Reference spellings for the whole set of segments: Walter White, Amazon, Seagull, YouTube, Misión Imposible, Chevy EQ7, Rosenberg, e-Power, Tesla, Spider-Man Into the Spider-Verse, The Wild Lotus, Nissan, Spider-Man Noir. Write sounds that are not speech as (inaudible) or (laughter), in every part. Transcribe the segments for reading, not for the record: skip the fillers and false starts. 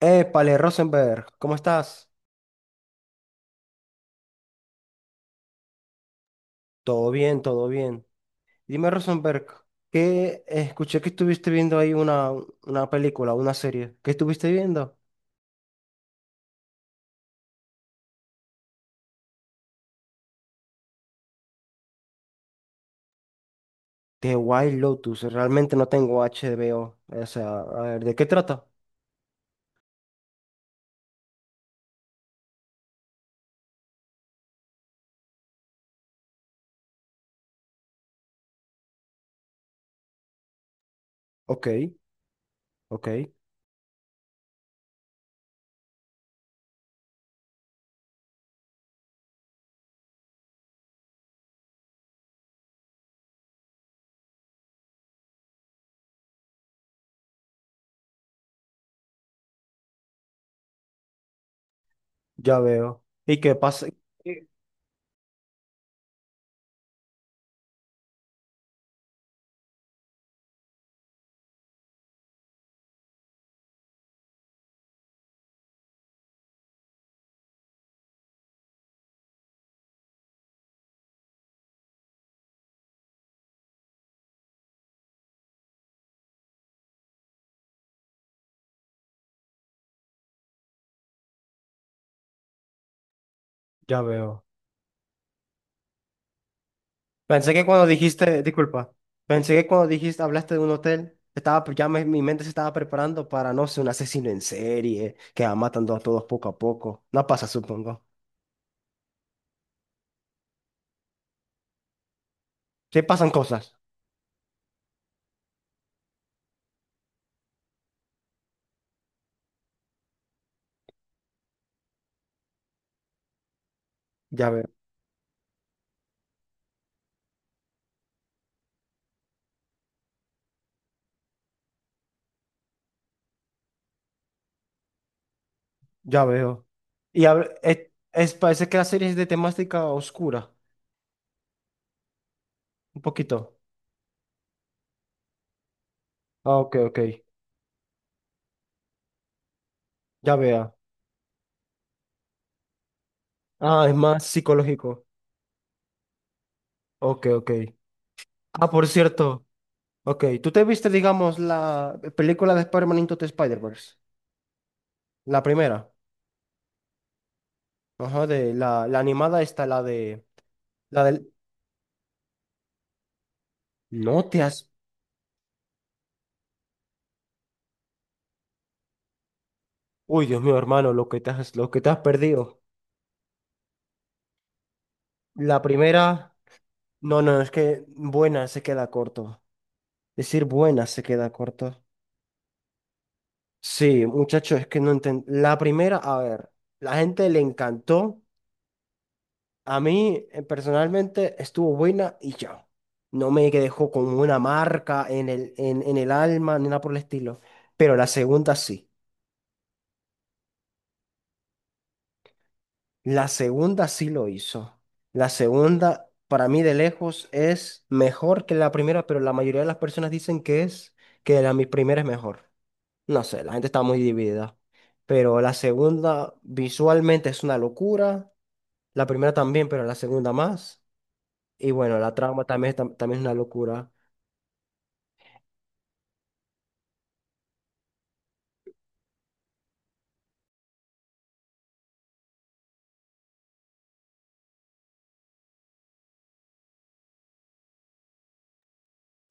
Épale, Rosenberg, ¿cómo estás? Todo bien, todo bien. Dime, Rosenberg, que escuché que estuviste viendo ahí una película, una serie. ¿Qué estuviste viendo? The Wild Lotus. Realmente no tengo H HBO. O sea, a ver, ¿de qué trata? Ok, ok, ya veo. ¿Y qué pasa? Ya veo. Pensé que cuando dijiste, disculpa, pensé que cuando dijiste, hablaste de un hotel, estaba, mi mente se estaba preparando para, no sé, un asesino en serie que va matando a todos poco a poco. No pasa, supongo. Sí pasan cosas. Ya veo, ya veo. Y parece que la serie es de temática oscura, un poquito. Ah, ok, ok. Ya veo. Ah, es más psicológico. Ok, ok. Ah, por cierto. Ok, ¿tú te viste, digamos, la película de Spider-Man Into the Spider-Verse? La primera. Ajá, de la animada está la de. La del. No te has. Uy, Dios mío, hermano, lo que te has, lo que te has perdido. La primera. No, no, es que buena se queda corto. Decir buena se queda corto. Sí, muchacho, es que no entiendo. La primera, a ver, la gente le encantó. A mí, personalmente, estuvo buena y ya. No me dejó con una marca en el alma ni nada por el estilo. Pero la segunda sí. La segunda sí lo hizo. La segunda, para mí de lejos, es mejor que la primera, pero la mayoría de las personas dicen que es, que la mi primera es mejor. No sé, la gente está muy dividida. Pero la segunda visualmente es una locura. La primera también, pero la segunda más. Y bueno, la trama también, es también es una locura.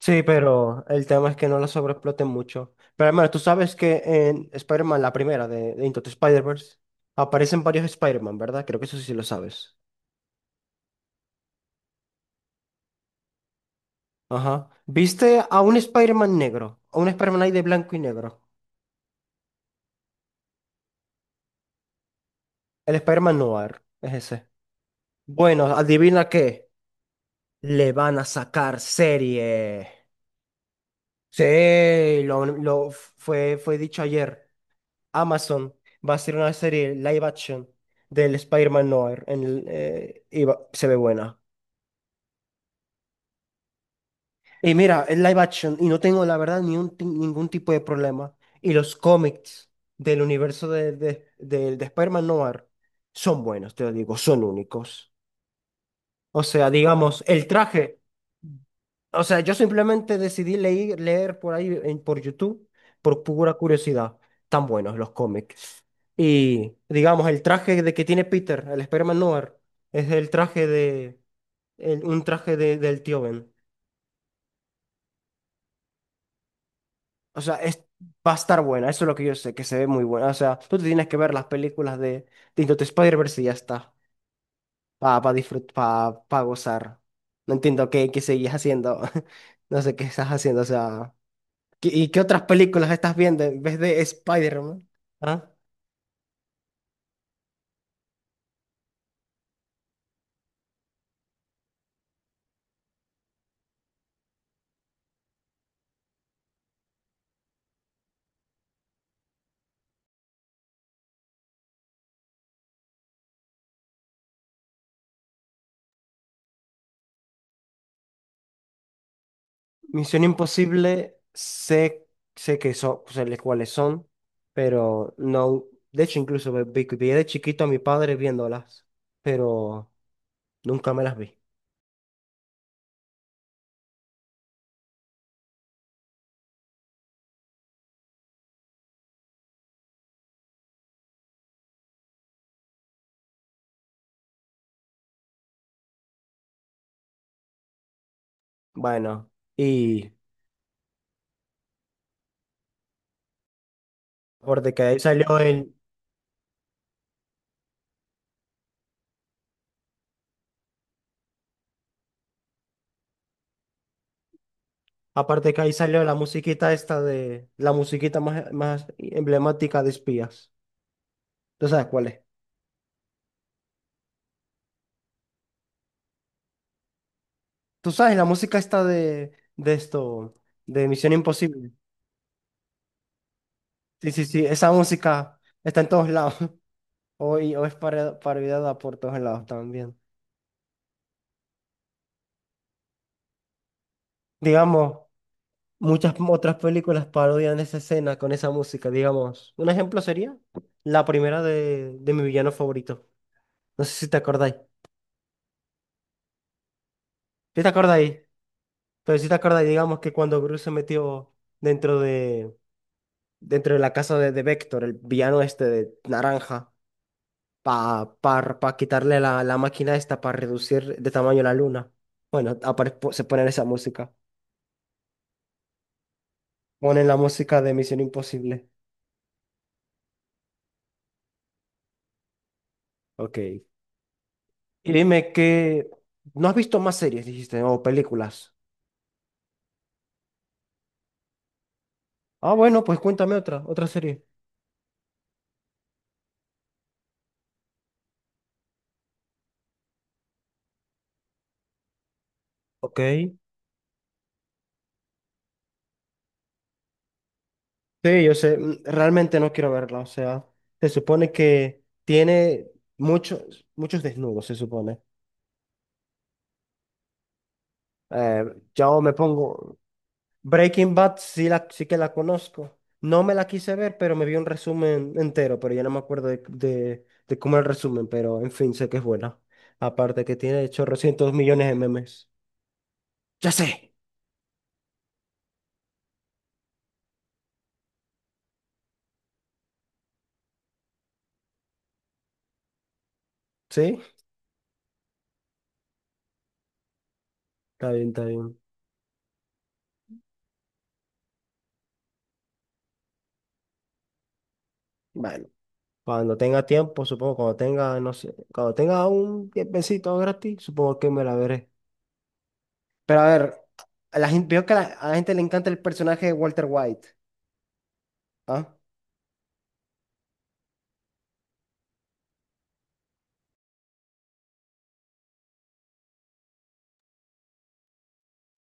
Sí, pero el tema es que no la sobreexploten mucho. Pero hermano, tú sabes que en Spider-Man, la primera de Into the Spider-Verse, aparecen varios Spider-Man, ¿verdad? Creo que eso sí lo sabes. Ajá. ¿Viste a un Spider-Man negro? A un Spider-Man ahí de blanco y negro. El Spider-Man Noir. Es ese. Bueno, adivina qué. Le van a sacar serie. Sí, lo fue dicho ayer. Amazon va a hacer una serie live action del Spider-Man Noir. En el, se ve buena. Y mira, es live action y no tengo la verdad ni un ti- ningún tipo de problema. Y los cómics del universo de Spider-Man Noir son buenos, te lo digo, son únicos. O sea, digamos, el traje. O sea, yo simplemente decidí leer, leer por ahí en, por YouTube, por pura curiosidad. Tan buenos los cómics. Y digamos, el traje de que tiene Peter, el Spider-Man Noir, es el traje de un traje del tío Ben. O sea, es, va a estar buena, eso es lo que yo sé, que se ve muy buena. O sea, tú te tienes que ver las películas de Into the Spider-Verse y ya está, para disfrutar, para gozar. No entiendo qué seguís haciendo, (laughs) no sé qué estás haciendo, o sea, ¿y qué otras películas estás viendo en vez de Spider-Man? ¿Ah? Misión Imposible, sé, sé que son, cuáles son, pero no, de hecho incluso me vi de chiquito a mi padre viéndolas, pero nunca me las vi. Bueno, y aparte que ahí salió el, aparte que ahí salió la musiquita esta de, la musiquita más, más emblemática de espías. ¿Tú sabes cuál es? ¿Tú sabes la música esta de esto, de Misión Imposible? Sí, sí, sí, esa música está en todos lados. (laughs) Hoy, o es parodiada por todos lados también. Digamos, muchas otras películas parodian esa escena con esa música, digamos. Un ejemplo sería la primera de mi villano favorito. No sé si te acordáis. ¿Sí te acordáis? Pero si te acordáis, digamos que cuando Bruce se metió dentro de, dentro de la casa de Vector, el villano este de naranja, para pa, pa pa quitarle la máquina esta para reducir de tamaño la luna. Bueno, se ponen esa música. Ponen la música de Misión Imposible. Ok. Y dime que no has visto más series, dijiste, o películas. Ah, bueno, pues cuéntame otra, otra serie. Ok. Sí, yo sé, mm, realmente no quiero verla, o sea, se supone que tiene muchos, muchos desnudos, se supone. Eh, yo me pongo, Breaking Bad sí, la, sí que la conozco, no me la quise ver, pero me vi un resumen entero, pero ya no me acuerdo de cómo era el resumen, pero en fin, sé que es buena. Aparte que tiene 800 millones de memes. Ya sé. ¿Sí? Está bien, está bien. Bueno, cuando tenga tiempo, supongo, cuando tenga, no sé, cuando tenga un tiempecito gratis, supongo que me la veré. Pero a ver, a la gente, veo que a la gente le encanta el personaje de Walter White. Ah,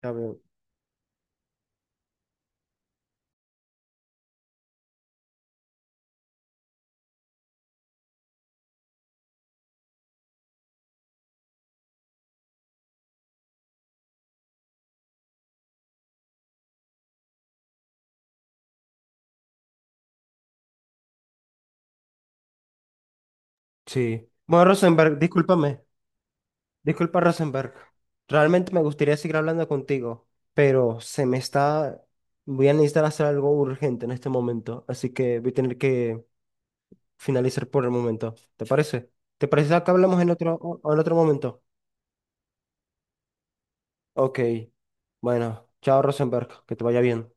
ya veo. Sí. Bueno, Rosenberg, discúlpame. Disculpa, Rosenberg. Realmente me gustaría seguir hablando contigo, pero se me está... Voy a necesitar hacer algo urgente en este momento, así que voy a tener que finalizar por el momento. ¿Te parece? ¿Te parece que hablamos en otro, en otro momento? Ok. Bueno, chao, Rosenberg. Que te vaya bien.